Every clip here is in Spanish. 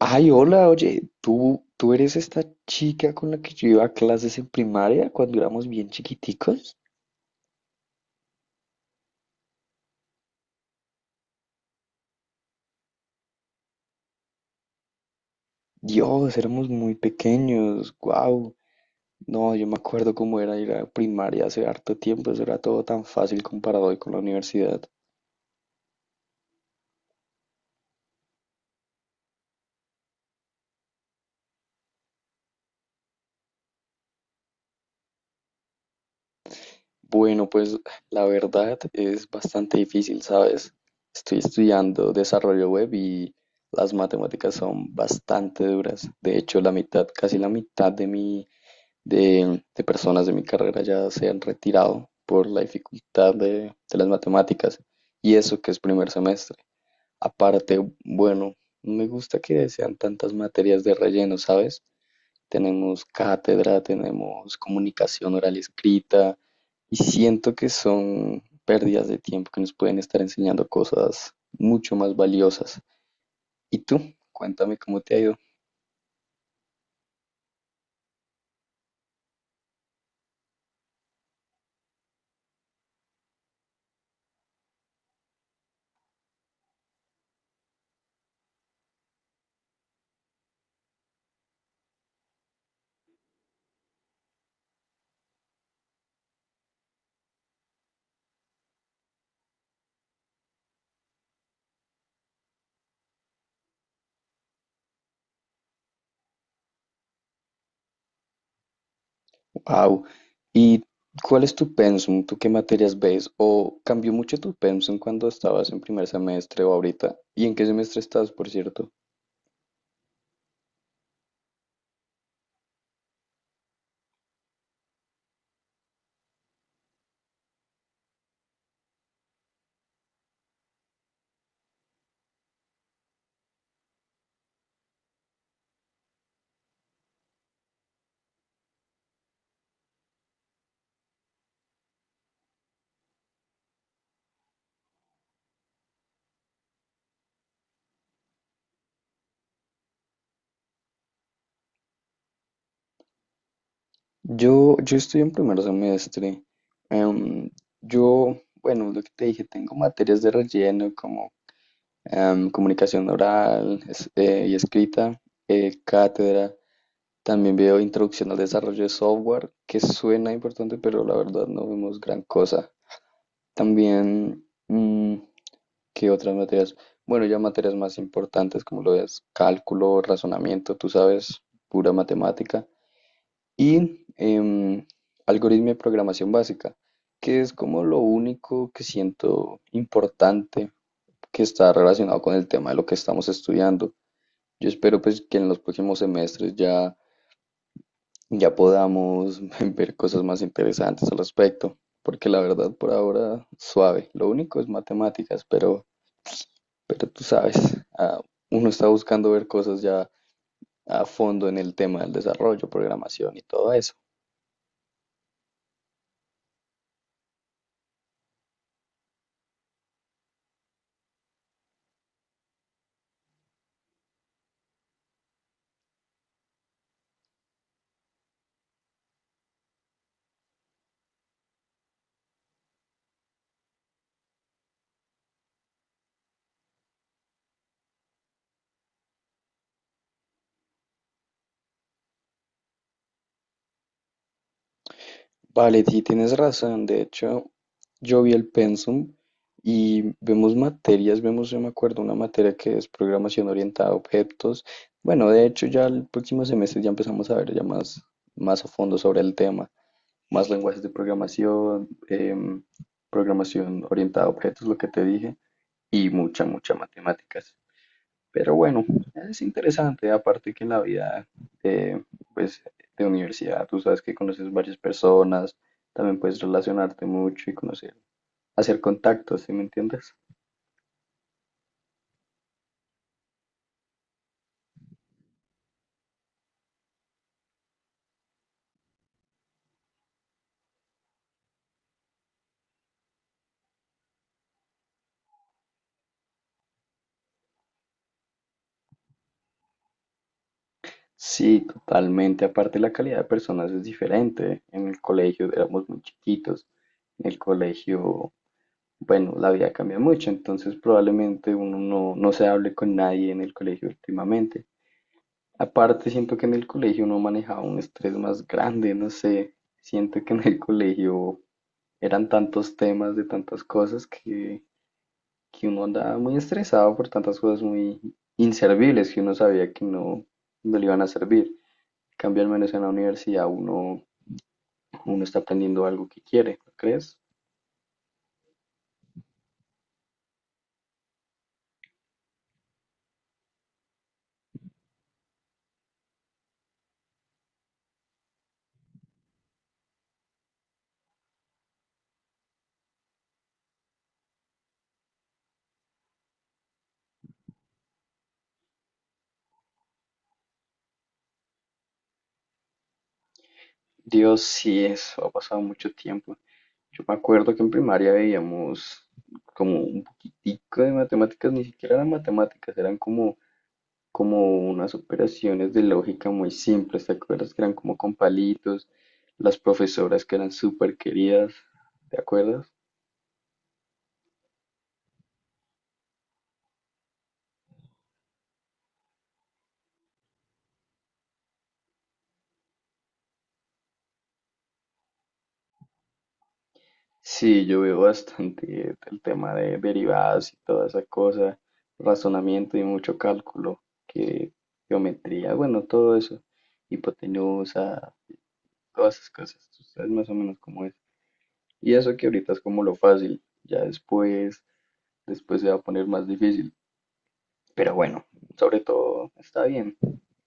Ay, hola, oye, ¿tú eres esta chica con la que yo iba a clases en primaria cuando éramos bien chiquiticos? Dios, éramos muy pequeños, wow. No, yo me acuerdo cómo era ir a primaria hace harto tiempo, eso era todo tan fácil comparado hoy con la universidad. Bueno, pues la verdad es bastante difícil, ¿sabes? Estoy estudiando desarrollo web y las matemáticas son bastante duras. De hecho, la mitad, casi la mitad de personas de mi carrera ya se han retirado por la dificultad de las matemáticas, y eso que es primer semestre. Aparte, bueno, no me gusta que sean tantas materias de relleno, ¿sabes? Tenemos cátedra, tenemos comunicación oral y escrita y siento que son pérdidas de tiempo que nos pueden estar enseñando cosas mucho más valiosas. ¿Y tú? Cuéntame cómo te ha ido. Wow. ¿Y cuál es tu pensum? ¿Tú qué materias ves? ¿O cambió mucho tu pensum cuando estabas en primer semestre o ahorita? ¿Y en qué semestre estás, por cierto? Yo estoy en primer semestre. Em, yo, bueno, lo que te dije, tengo materias de relleno como comunicación oral y escrita, cátedra. También veo introducción al desarrollo de software, que suena importante, pero la verdad no vemos gran cosa. También... mm, ¿Qué otras materias? Bueno, ya materias más importantes como lo es cálculo, razonamiento, tú sabes, pura matemática. Y algoritmo de programación básica, que es como lo único que siento importante, que está relacionado con el tema de lo que estamos estudiando. Yo espero pues que en los próximos semestres ya podamos ver cosas más interesantes al respecto, porque la verdad por ahora suave. Lo único es matemáticas, pero tú sabes, ah, uno está buscando ver cosas ya a fondo en el tema del desarrollo, programación y todo eso. Vale, sí, tienes razón. De hecho, yo vi el pensum y vemos, yo me acuerdo, una materia que es programación orientada a objetos. Bueno, de hecho, ya el próximo semestre ya empezamos a ver ya más a fondo sobre el tema, más lenguajes de programación, programación orientada a objetos, lo que te dije, y mucha matemáticas. Pero bueno, es interesante, aparte que en la vida eh, pues, de universidad, tú sabes que conoces varias personas, también puedes relacionarte mucho y conocer, hacer contactos, ¿sí me entiendes? Sí, totalmente, aparte la calidad de personas es diferente. En el colegio éramos muy chiquitos, en el colegio, bueno, la vida cambia mucho, entonces probablemente uno no se hable con nadie en el colegio últimamente. Aparte, siento que en el colegio uno manejaba un estrés más grande, no sé, siento que en el colegio eran tantos temas de tantas cosas que uno andaba muy estresado por tantas cosas muy inservibles que uno sabía que no le iban a servir. En cambio, al menos en la universidad uno está aprendiendo algo que quiere, ¿no crees? Dios, sí, eso ha pasado mucho tiempo. Yo me acuerdo que en primaria veíamos como un poquitico de matemáticas, ni siquiera eran matemáticas, eran como unas operaciones de lógica muy simples, ¿te acuerdas que eran como con palitos, las profesoras que eran súper queridas, ¿te acuerdas? Sí, yo veo bastante el tema de derivadas y toda esa cosa, razonamiento y mucho cálculo, que geometría, bueno, todo eso, hipotenusa, todas esas cosas, tú sabes más o menos cómo es. Y eso que ahorita es como lo fácil, ya después se va a poner más difícil. Pero bueno, sobre todo está bien.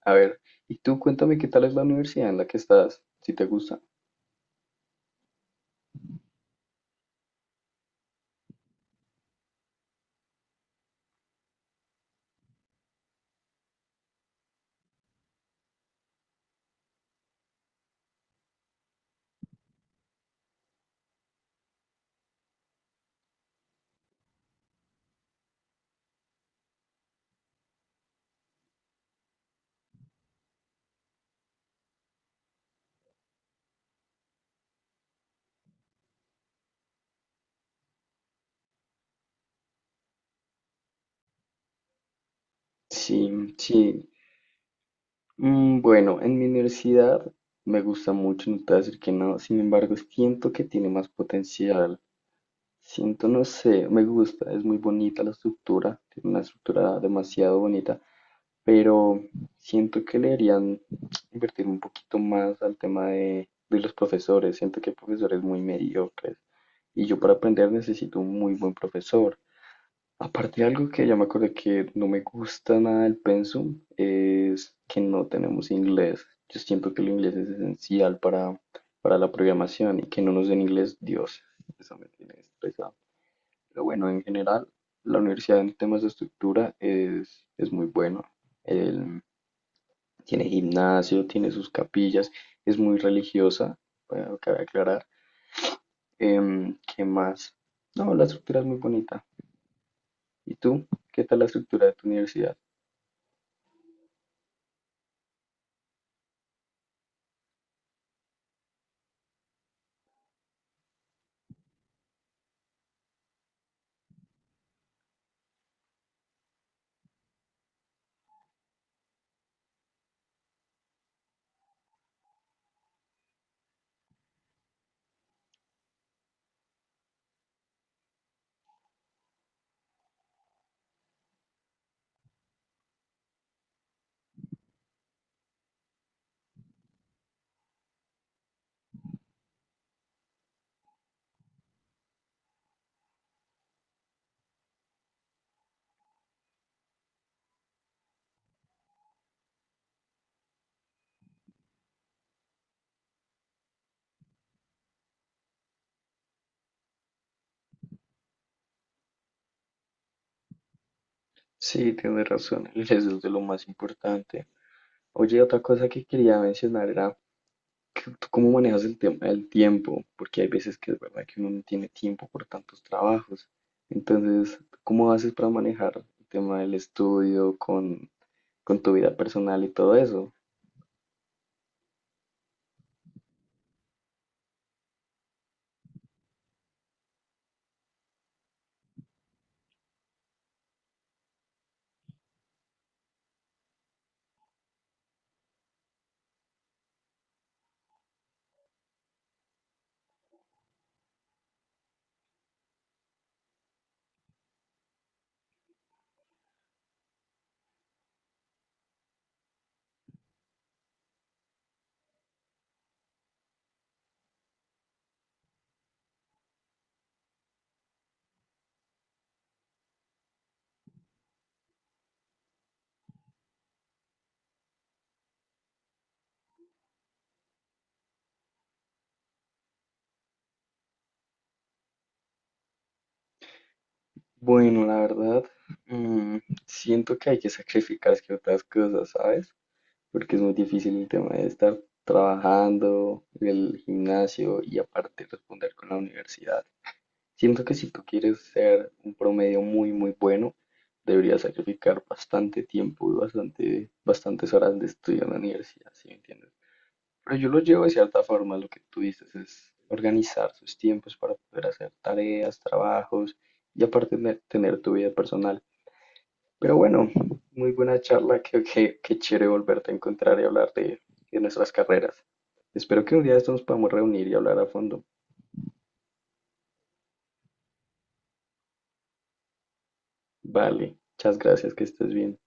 A ver, y tú cuéntame qué tal es la universidad en la que estás, si te gusta. Sí, sí. Mm, bueno, en mi universidad me gusta mucho, no te voy a decir que no. Sin embargo, siento que tiene más potencial. Siento, no sé, me gusta, es muy bonita la estructura, tiene una estructura demasiado bonita, pero siento que le harían invertir un poquito más al tema de los profesores. Siento que hay profesores muy mediocres. Y yo para aprender necesito un muy buen profesor. Aparte, algo que ya me acordé que no me gusta nada del pensum es que no tenemos inglés. Yo siento que el inglés es esencial para la programación, y que no nos den inglés, Dios, eso me tiene estresado. Pero bueno, en general, la universidad en temas de estructura es muy bueno. El- Tiene gimnasio, tiene sus capillas, es muy religiosa, bueno, cabe aclarar. ¿Qué más? No, la estructura es muy bonita. ¿Y tú? ¿Qué tal la estructura de tu universidad? Sí, tienes razón, el eso es de lo más importante. Oye, otra cosa que quería mencionar era que tú cómo manejas el tema del tiempo, porque hay veces que es verdad que uno no tiene tiempo por tantos trabajos. Entonces, ¿cómo haces para manejar el tema del estudio con tu vida personal y todo eso? Bueno, la verdad, mm, siento que hay que sacrificar ciertas cosas, ¿sabes? Porque es muy difícil el tema de estar trabajando, el gimnasio y aparte responder con la universidad. Siento que si tú quieres ser un promedio muy bueno, deberías sacrificar bastante tiempo y bastantes horas de estudio en la universidad, ¿sí me entiendes? Pero yo lo llevo de cierta forma, lo que tú dices es organizar sus tiempos para poder hacer tareas, trabajos y aparte tener tu vida personal. Pero bueno, muy buena charla, qué chévere volverte a encontrar y hablar de nuestras carreras. Espero que un día de estos nos podamos reunir y hablar a fondo. Vale, muchas gracias, que estés bien.